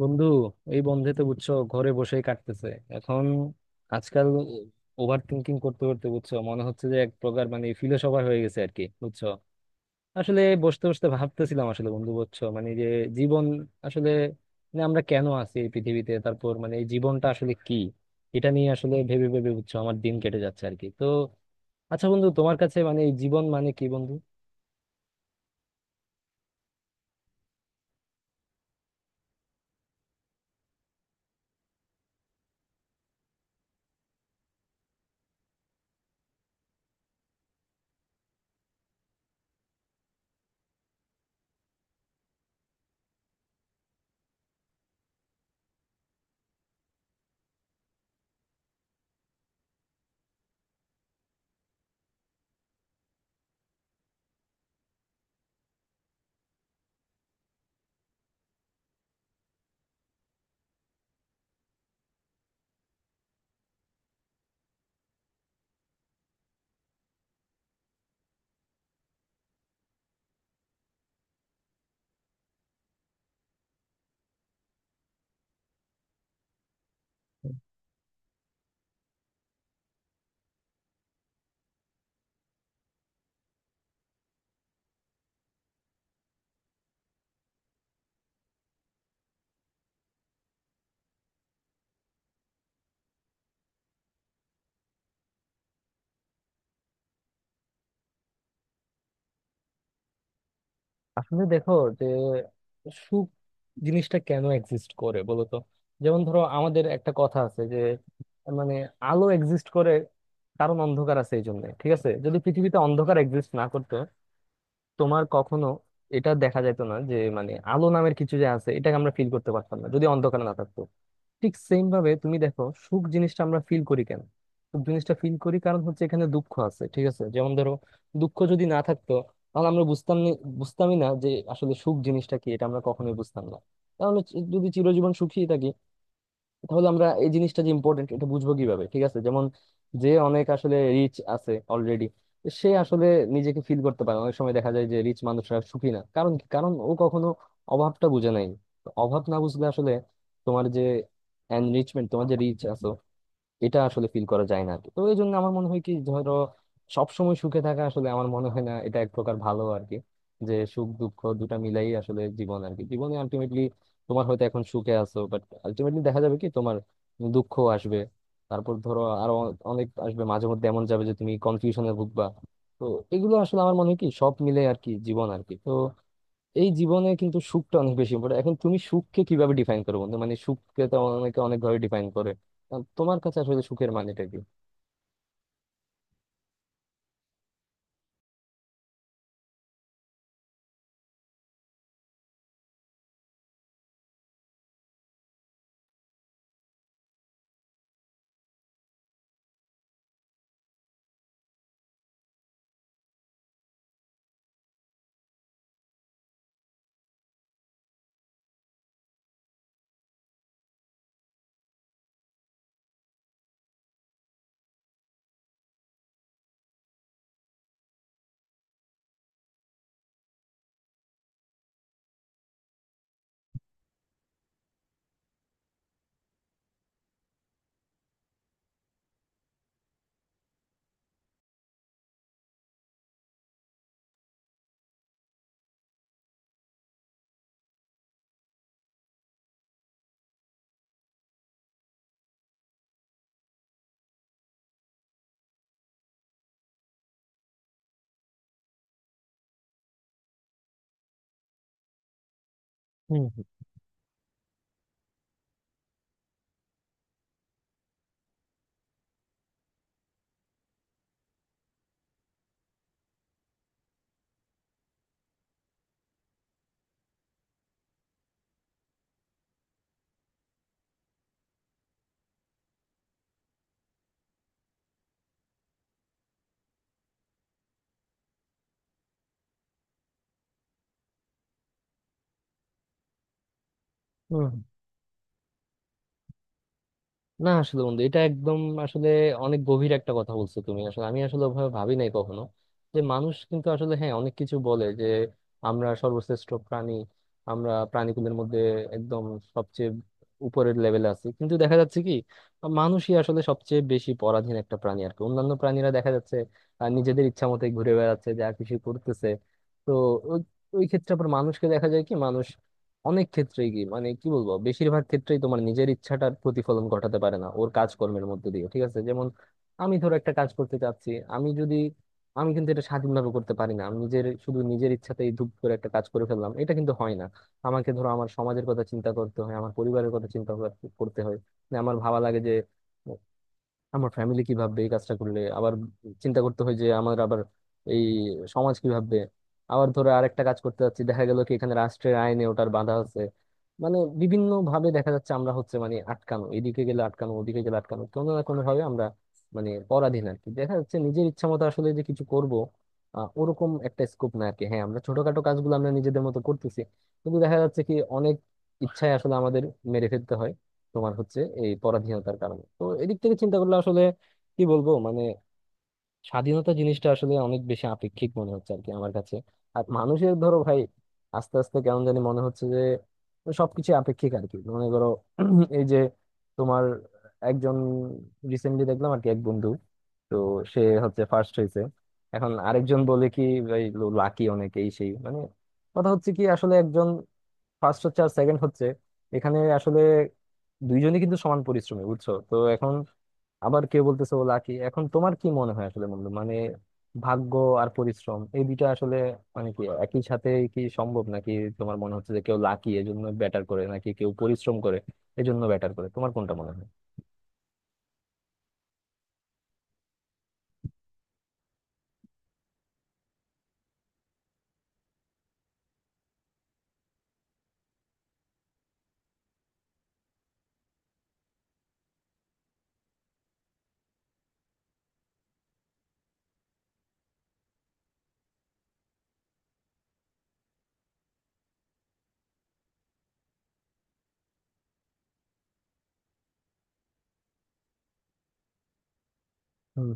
বন্ধু, এই বন্ধে তো বুঝছো ঘরে বসেই কাটতেছে এখন আজকাল। ওভার থিঙ্কিং করতে করতে বুঝছো মনে হচ্ছে যে এক প্রকার মানে ফিলোসফার হয়ে গেছে আর কি, বুঝছো? আসলে বসতে বসতে ভাবতেছিলাম আসলে বন্ধু, বুঝছো, মানে যে জীবন আসলে মানে আমরা কেন আছি এই পৃথিবীতে, তারপর মানে এই জীবনটা আসলে কি। এটা নিয়ে আসলে ভেবে ভেবে বুঝছো আমার দিন কেটে যাচ্ছে আর কি। তো আচ্ছা বন্ধু, তোমার কাছে মানে এই জীবন মানে কি বন্ধু? আসলে দেখো, যে সুখ জিনিসটা কেন এক্সিস্ট করে বলো তো। যেমন ধরো আমাদের একটা কথা আছে যে মানে আলো এক্সিস্ট করে কারণ অন্ধকার আছে এই জন্য, ঠিক আছে? যদি পৃথিবীতে অন্ধকার এক্সিস্ট না করতো, তোমার কখনো এটা দেখা যেত না যে মানে আলো নামের কিছু যে আছে, এটাকে আমরা ফিল করতে পারতাম না যদি অন্ধকার না থাকতো। ঠিক সেম ভাবে তুমি দেখো সুখ জিনিসটা আমরা ফিল করি কেন? সুখ জিনিসটা ফিল করি কারণ হচ্ছে এখানে দুঃখ আছে, ঠিক আছে? যেমন ধরো দুঃখ যদি না থাকতো, তাহলে আমরা বুঝতামই না যে আসলে সুখ জিনিসটা কি, এটা আমরা কখনোই বুঝতাম না। তাহলে যদি চিরজীবন সুখী থাকি, তাহলে আমরা এই জিনিসটা যে ইম্পর্টেন্ট এটা বুঝবো কিভাবে, ঠিক আছে? যেমন যে অনেক আসলে রিচ আছে অলরেডি, সে আসলে নিজেকে ফিল করতে পারে না। অনেক সময় দেখা যায় যে রিচ মানুষরা সুখী না, কারণ কি? কারণ ও কখনো অভাবটা বুঝে নাই। তো অভাব না বুঝলে আসলে তোমার যে এনরিচমেন্ট, তোমার যে রিচ আছে, এটা আসলে ফিল করা যায় না আর কি। তো এই জন্য আমার মনে হয় কি, ধরো সবসময় সুখে থাকা আসলে আমার মনে হয় না এটা এক প্রকার ভালো আর কি। যে সুখ দুঃখ দুটা মিলাই আসলে জীবন আর কি। জীবনে আলটিমেটলি তোমার হয়তো এখন সুখে আছো, বাট আলটিমেটলি দেখা যাবে কি তোমার দুঃখ আসবে। তারপর ধরো আরো অনেক আসবে, মাঝে মধ্যে এমন যাবে যে তুমি কনফিউশনে ভুগবা। তো এগুলো আসলে আমার মনে হয় কি সব মিলে আর কি জীবন আর কি। তো এই জীবনে কিন্তু সুখটা অনেক বেশি ইম্পর্টেন্ট। এখন তুমি সুখকে কিভাবে ডিফাইন করো বন্ধু? মানে সুখকে তো অনেকে অনেক ভাবে ডিফাইন করে। তোমার কাছে আসলে সুখের মানেটা কি? হম। না আসলে বন্ধু, এটা একদম আসলে অনেক গভীর একটা কথা বলছো তুমি। আসলে আমি আসলে ওভাবে ভাবি নাই কখনো। যে মানুষ কিন্তু আসলে, হ্যাঁ, অনেক কিছু বলে যে আমরা সর্বশ্রেষ্ঠ প্রাণী, আমরা প্রাণীকুলের মধ্যে একদম সবচেয়ে উপরের লেভেলে আছি, কিন্তু দেখা যাচ্ছে কি মানুষই আসলে সবচেয়ে বেশি পরাধীন একটা প্রাণী আর কি। অন্যান্য প্রাণীরা দেখা যাচ্ছে নিজেদের ইচ্ছা মতোই ঘুরে বেড়াচ্ছে, যা কিছু করতেছে। তো ওই ওই ক্ষেত্রে আবার মানুষকে দেখা যায় কি মানুষ অনেক ক্ষেত্রেই কি মানে কি বলবো, বেশিরভাগ ক্ষেত্রেই তোমার নিজের ইচ্ছাটার প্রতিফলন ঘটাতে পারে না ওর কাজকর্মের মধ্যে দিয়ে, ঠিক আছে? যেমন আমি ধরো একটা কাজ করতে চাচ্ছি, আমি যদি, আমি কিন্তু এটা স্বাধীনভাবে করতে পারি না। আমি নিজের শুধু নিজের ইচ্ছাতেই ধুপ করে একটা কাজ করে ফেললাম, এটা কিন্তু হয় না। আমাকে ধরো আমার সমাজের কথা চিন্তা করতে হয়, আমার পরিবারের কথা চিন্তা করতে হয়। মানে আমার ভাবা লাগে যে আমার ফ্যামিলি কি ভাববে এই কাজটা করলে, আবার চিন্তা করতে হয় যে আমার আবার এই সমাজ কি ভাববে। আবার ধরো আরেকটা কাজ করতে যাচ্ছি, দেখা গেল কি এখানে রাষ্ট্রের আইনে ওটার বাধা আছে। মানে বিভিন্ন ভাবে দেখা যাচ্ছে আমরা হচ্ছে মানে আটকানো, এদিকে গেলে আটকানো, ওদিকে গেলে আটকানো, কোনো না কোনো ভাবে আমরা মানে পরাধীন আর কি। দেখা যাচ্ছে নিজের ইচ্ছা মতো আসলে যে কিছু করব, ওরকম একটা স্কোপ না আর কি। হ্যাঁ আমরা ছোটখাটো কাজগুলো আমরা নিজেদের মতো করতেছি, কিন্তু দেখা যাচ্ছে কি অনেক ইচ্ছায় আসলে আমাদের মেরে ফেলতে হয় তোমার হচ্ছে এই পরাধীনতার কারণে। তো এদিক থেকে চিন্তা করলে আসলে কি বলবো, মানে স্বাধীনতা জিনিসটা আসলে অনেক বেশি আপেক্ষিক মনে হচ্ছে আর কি আমার কাছে। আর মানুষের ধরো ভাই, আস্তে আস্তে কেমন জানি মনে হচ্ছে যে সবকিছু আপেক্ষিক আর কি। মনে করো এই যে তোমার একজন, রিসেন্টলি দেখলাম আর কি এক বন্ধু, তো সে হচ্ছে ফার্স্ট হয়েছে। এখন আরেকজন বলে কি ভাই লাকি অনেক, এই সেই মানে। কথা হচ্ছে কি আসলে একজন ফার্স্ট হচ্ছে আর সেকেন্ড হচ্ছে, এখানে আসলে দুইজনই কিন্তু সমান পরিশ্রমী, বুঝছো? তো এখন আবার কেউ বলতেছে ও লাকি। এখন তোমার কি মনে হয় আসলে বন্ধু, মানে ভাগ্য আর পরিশ্রম এই দুইটা আসলে মানে কি একই সাথে কি সম্ভব নাকি? তোমার মনে হচ্ছে যে কেউ লাকি এজন্য ব্যাটার করে, নাকি কেউ পরিশ্রম করে এজন্য ব্যাটার করে? তোমার কোনটা মনে হয়? হুম।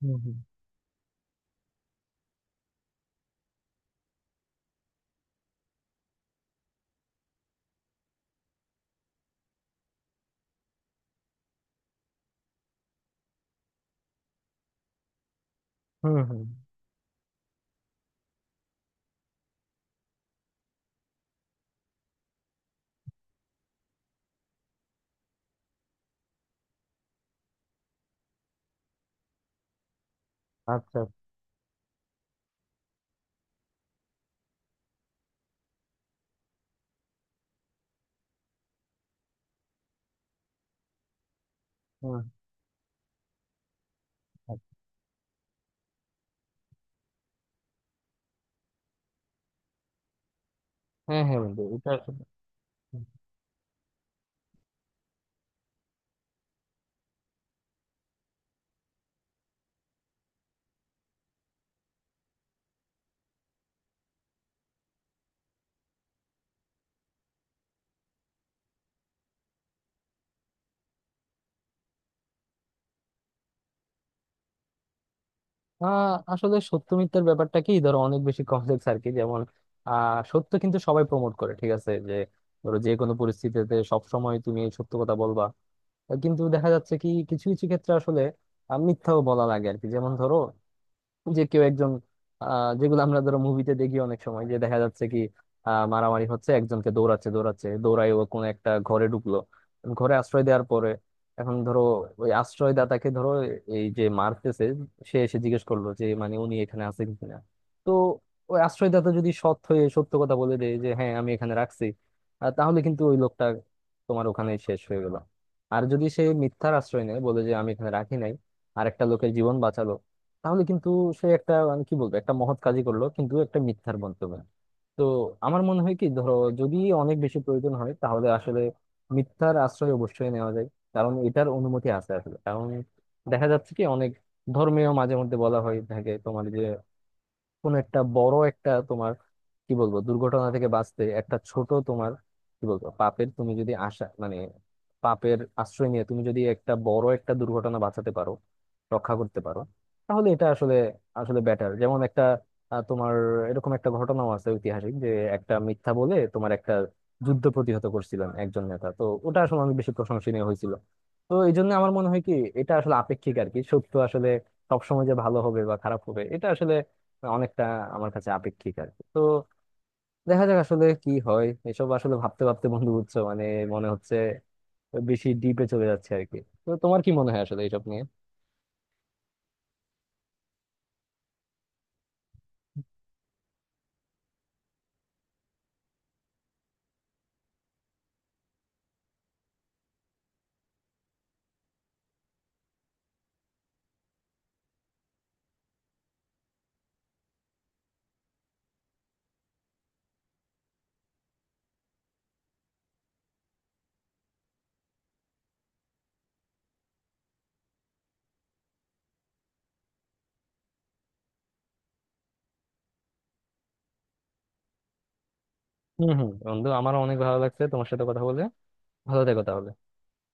হুম হুম। হুম হুম। আচ্ছা। হুম। আচ্ছা। হ্যাঁ হ্যাঁ বন্ধু, এটা আহ আসলে সত্য মিথ্যার ব্যাপারটা কি ধরো অনেক বেশি কমপ্লেক্স আর কি। যেমন আহ সত্য কিন্তু সবাই প্রমোট করে, ঠিক আছে? যে ধরো যে কোনো পরিস্থিতিতে সব সময় তুমি সত্য কথা বলবা। কিন্তু দেখা যাচ্ছে কি কিছু কিছু ক্ষেত্রে আসলে মিথ্যাও বলা লাগে আর কি। যেমন ধরো যে কেউ একজন, আহ, যেগুলো আমরা ধরো মুভিতে দেখি অনেক সময়, যে দেখা যাচ্ছে কি মারামারি হচ্ছে, একজনকে দৌড়াচ্ছে দৌড়াচ্ছে দৌড়ায়, ও কোনো একটা ঘরে ঢুকলো, ঘরে আশ্রয় দেওয়ার পরে এখন ধরো ওই আশ্রয়দাতাকে ধরো এই যে মারতেছে সে এসে জিজ্ঞেস করলো যে মানে উনি এখানে আছেন কিনা। তো ওই আশ্রয়দাতা যদি সৎ হয়ে সত্য কথা বলে দেয় যে হ্যাঁ আমি এখানে রাখছি, তাহলে কিন্তু ওই লোকটা তোমার ওখানে শেষ হয়ে গেল। আর যদি সে মিথ্যার আশ্রয় নেয়, বলে যে আমি এখানে রাখি নাই, আর একটা লোকের জীবন বাঁচালো, তাহলে কিন্তু সে একটা মানে কি বলবো একটা মহৎ কাজই করলো, কিন্তু একটা মিথ্যার বক্তব্য। তো আমার মনে হয় কি ধরো, যদি অনেক বেশি প্রয়োজন হয় তাহলে আসলে মিথ্যার আশ্রয় অবশ্যই নেওয়া যায়। কারণ এটার অনুমতি আছে আসলে। কারণ দেখা যাচ্ছে কি অনেক ধর্মীয় মাঝে মধ্যে বলা হয় থাকে তোমার যে কোন একটা বড় একটা তোমার কি বলবো দুর্ঘটনা থেকে বাঁচতে একটা ছোট তোমার কি বলবো পাপের, তুমি যদি আশা মানে পাপের আশ্রয় নিয়ে তুমি যদি একটা বড় একটা দুর্ঘটনা বাঁচাতে পারো, রক্ষা করতে পারো, তাহলে এটা আসলে আসলে বেটার। যেমন একটা তোমার এরকম একটা ঘটনাও আছে ঐতিহাসিক যে একটা মিথ্যা বলে তোমার একটা যুদ্ধ প্রতিহত করছিলেন একজন নেতা। তো ওটা আসলে অনেক বেশি প্রশংসনীয় হয়েছিল। তো এই জন্য আমার মনে হয় কি এটা আসলে আপেক্ষিক আর কি। সত্য আসলে সবসময় যে ভালো হবে বা খারাপ হবে এটা আসলে অনেকটা আমার কাছে আপেক্ষিক আর কি। তো দেখা যাক আসলে কি হয়। এসব আসলে ভাবতে ভাবতে বন্ধু, বুঝছো, মানে মনে হচ্ছে বেশি ডিপে চলে যাচ্ছে আর কি। তো তোমার কি মনে হয় আসলে এইসব নিয়ে? হম হম বন্ধু, আমারও অনেক ভালো লাগছে তোমার সাথে কথা বলে। ভালো থেকো তাহলে।